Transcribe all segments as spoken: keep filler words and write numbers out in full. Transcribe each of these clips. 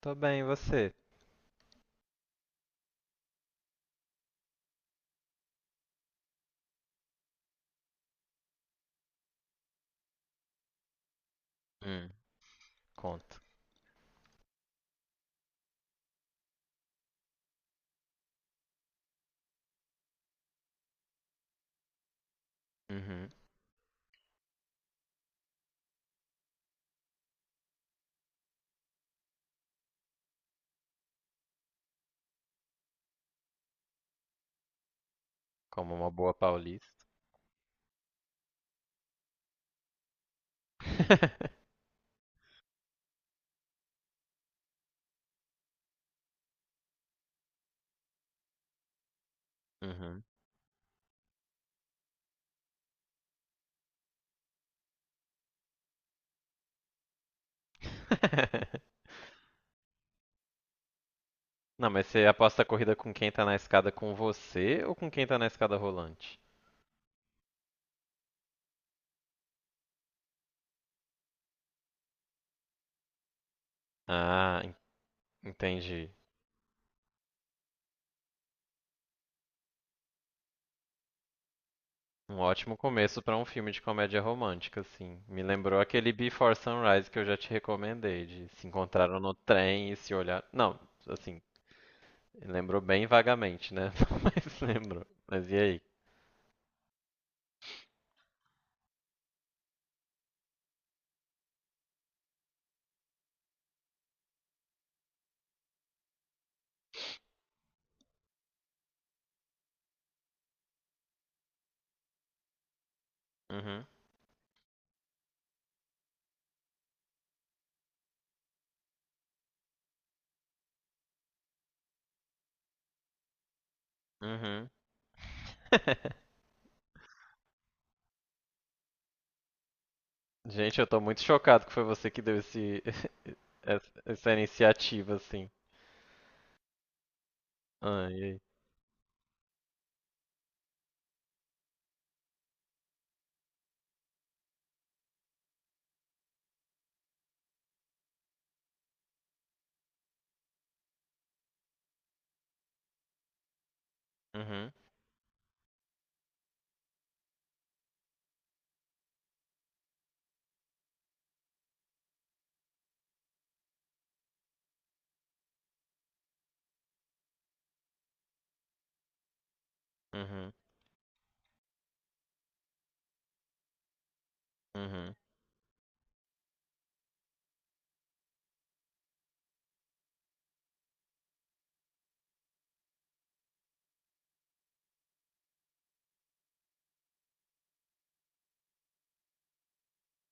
Tô bem, e você? Hum, conto. Uhum. Como uma boa paulista. Uhum. Não, mas você aposta a corrida com quem tá na escada com você ou com quem tá na escada rolante? Ah, en- entendi. Um ótimo começo pra um filme de comédia romântica, assim. Me lembrou aquele Before Sunrise que eu já te recomendei, de se encontraram no trem e se olhar. Não, assim, lembrou bem vagamente, né? Mas lembrou. Mas e aí? Uhum. Uhum. Gente, eu tô muito chocado que foi você que deu esse, essa, essa iniciativa, assim. Ah, e aí? Uhum, uhum, uhum.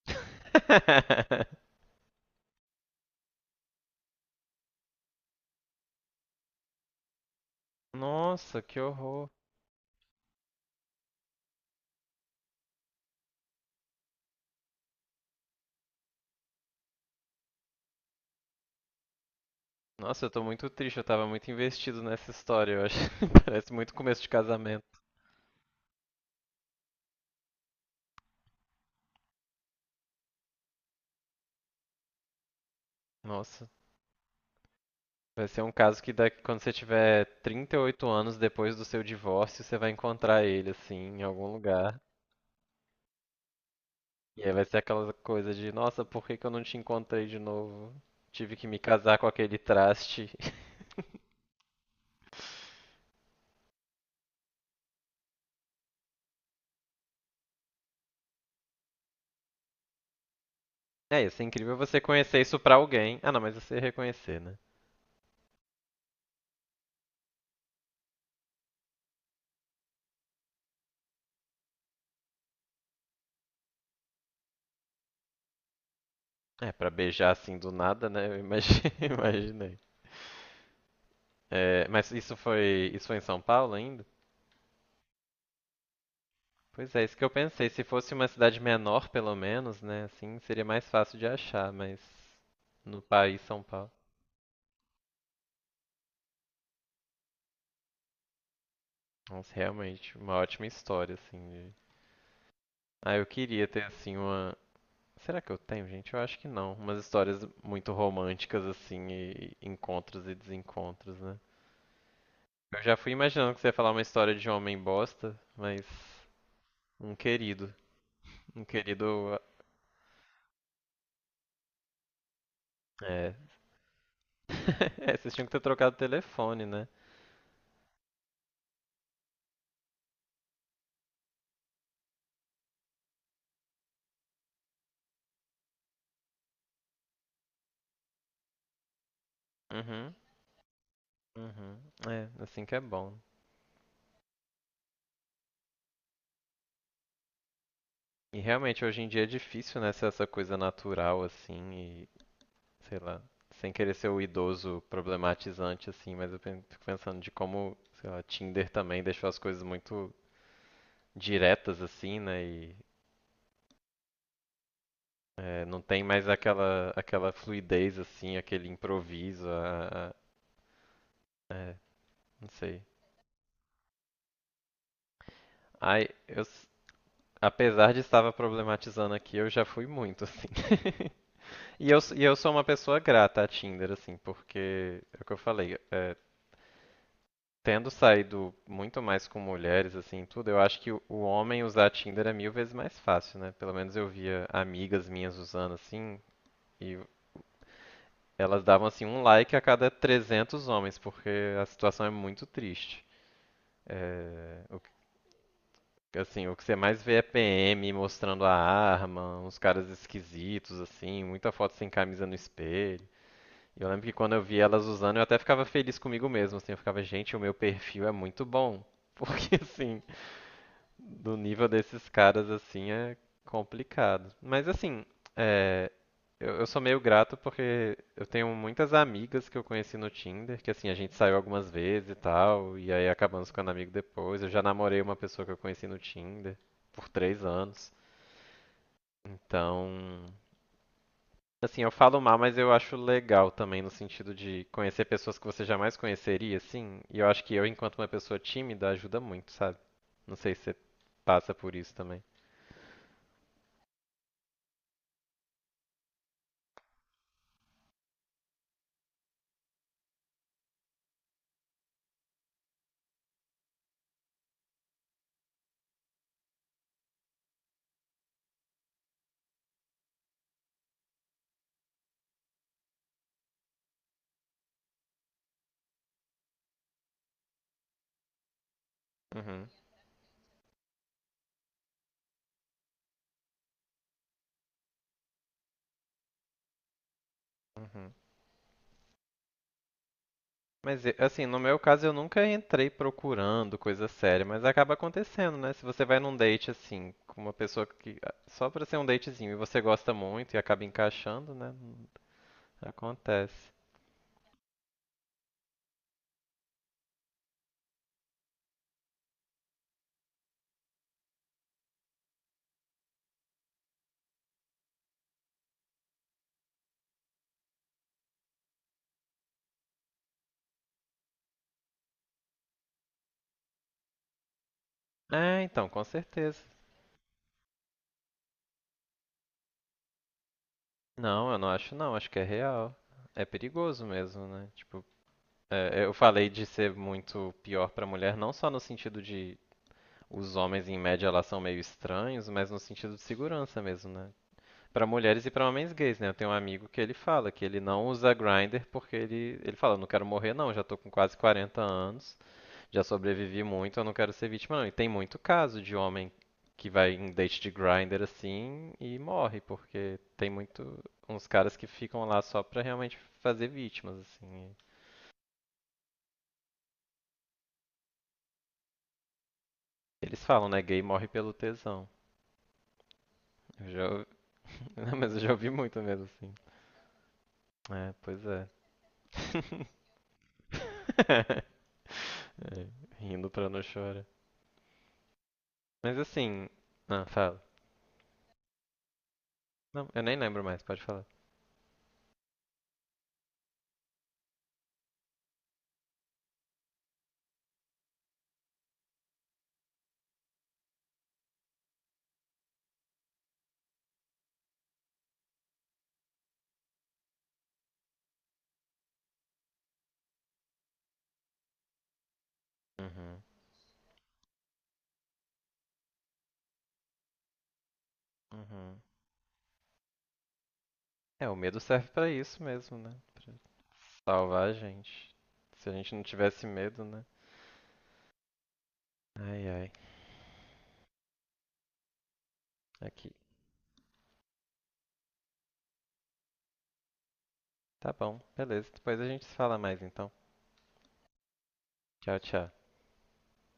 Nossa, que horror. Nossa, eu tô muito triste, eu tava muito investido nessa história, eu acho. Parece muito começo de casamento. Nossa, vai ser um caso que daqui, quando você tiver trinta e oito anos depois do seu divórcio, você vai encontrar ele, assim, em algum lugar. E aí vai ser aquela coisa de, nossa, por que que eu não te encontrei de novo? Tive que me casar com aquele traste. É, isso é incrível você conhecer isso pra alguém. Ah, não, mas você reconhecer, né? É, pra beijar assim do nada, né? Eu imagi- imaginei. É, mas isso foi, isso foi em São Paulo ainda? Pois é, isso que eu pensei. Se fosse uma cidade menor, pelo menos, né? Assim, seria mais fácil de achar, mas no país São Paulo. Nossa, realmente, uma ótima história, assim. de- Ah, eu queria ter, assim, uma, será que eu tenho, gente? Eu acho que não. Umas histórias muito românticas, assim, e e encontros e desencontros, né? Eu já fui imaginando que você ia falar uma história de um homem bosta, mas um querido. Um querido. É. É, vocês tinham que ter trocado o telefone, né? Uhum. Uhum. É, assim que é bom. E realmente hoje em dia é difícil, né, ser essa coisa natural, assim, e sei lá, sem querer ser o idoso problematizante, assim, mas eu pen- fico pensando de como, sei lá, Tinder também deixou as coisas muito diretas assim, né? E é, não tem mais aquela aquela fluidez assim, aquele improviso, a, a- é, não sei. Ai, eu, s- apesar de estava problematizando aqui, eu já fui muito assim. E eu, s- e eu sou uma pessoa grata a Tinder assim, porque é o que eu falei, é, tendo saído muito mais com mulheres assim, tudo, eu acho que o, o homem usar Tinder é mil vezes mais fácil, né? Pelo menos eu via amigas minhas usando assim, e elas davam assim um like a cada trezentos homens, porque a situação é muito triste. É, o, que- assim, o que você mais vê é P M mostrando a arma, uns caras esquisitos assim, muita foto sem camisa no espelho. E eu lembro que quando eu vi elas usando, eu até ficava feliz comigo mesmo, assim, eu ficava, gente, o meu perfil é muito bom. Porque assim, do nível desses caras, assim, é complicado. Mas, assim, é, eu, eu sou meio grato porque eu tenho muitas amigas que eu conheci no Tinder, que, assim, a gente saiu algumas vezes e tal, e aí acabamos ficando amigo depois. Eu já namorei uma pessoa que eu conheci no Tinder por três anos. Então, assim, eu falo mal, mas eu acho legal também no sentido de conhecer pessoas que você jamais conheceria, assim. E eu acho que eu, enquanto uma pessoa tímida, ajuda muito, sabe? Não sei se você passa por isso também. Uhum. Uhum. Mas e- assim, no meu caso eu nunca entrei procurando coisa séria, mas acaba acontecendo, né? Se você vai num date assim, com uma pessoa que ah, só pra ser um datezinho e você gosta muito e acaba encaixando, né? Hum, acontece. É, então, com certeza. Não, eu não acho não, acho que é real. É perigoso mesmo, né? Tipo, é, eu falei de ser muito pior pra mulher, não só no sentido de os homens em média elas são meio estranhos, mas no sentido de segurança mesmo, né? Pra mulheres e pra homens gays, né? Eu tenho um amigo que ele fala que ele não usa grinder porque ele, ele fala, eu não quero morrer não, já tô com quase quarenta anos, já sobrevivi muito, eu não quero ser vítima não. E tem muito caso de homem que vai em date de grinder assim e morre, porque tem muito uns caras que ficam lá só pra realmente fazer vítimas, assim. Eles falam, né? Gay morre pelo tesão. Eu já, ouvi- Não, mas eu já ouvi muito mesmo, assim. É, pois é. É, rindo pra não chorar. Mas assim. Não, fala. Não, eu nem lembro mais, pode falar. Uhum. Uhum. É, o medo serve pra isso mesmo, né? Pra salvar a gente. Se a gente não tivesse medo, né? Ai, ai. Aqui. Tá bom, beleza. Depois a gente se fala mais então. Tchau, tchau.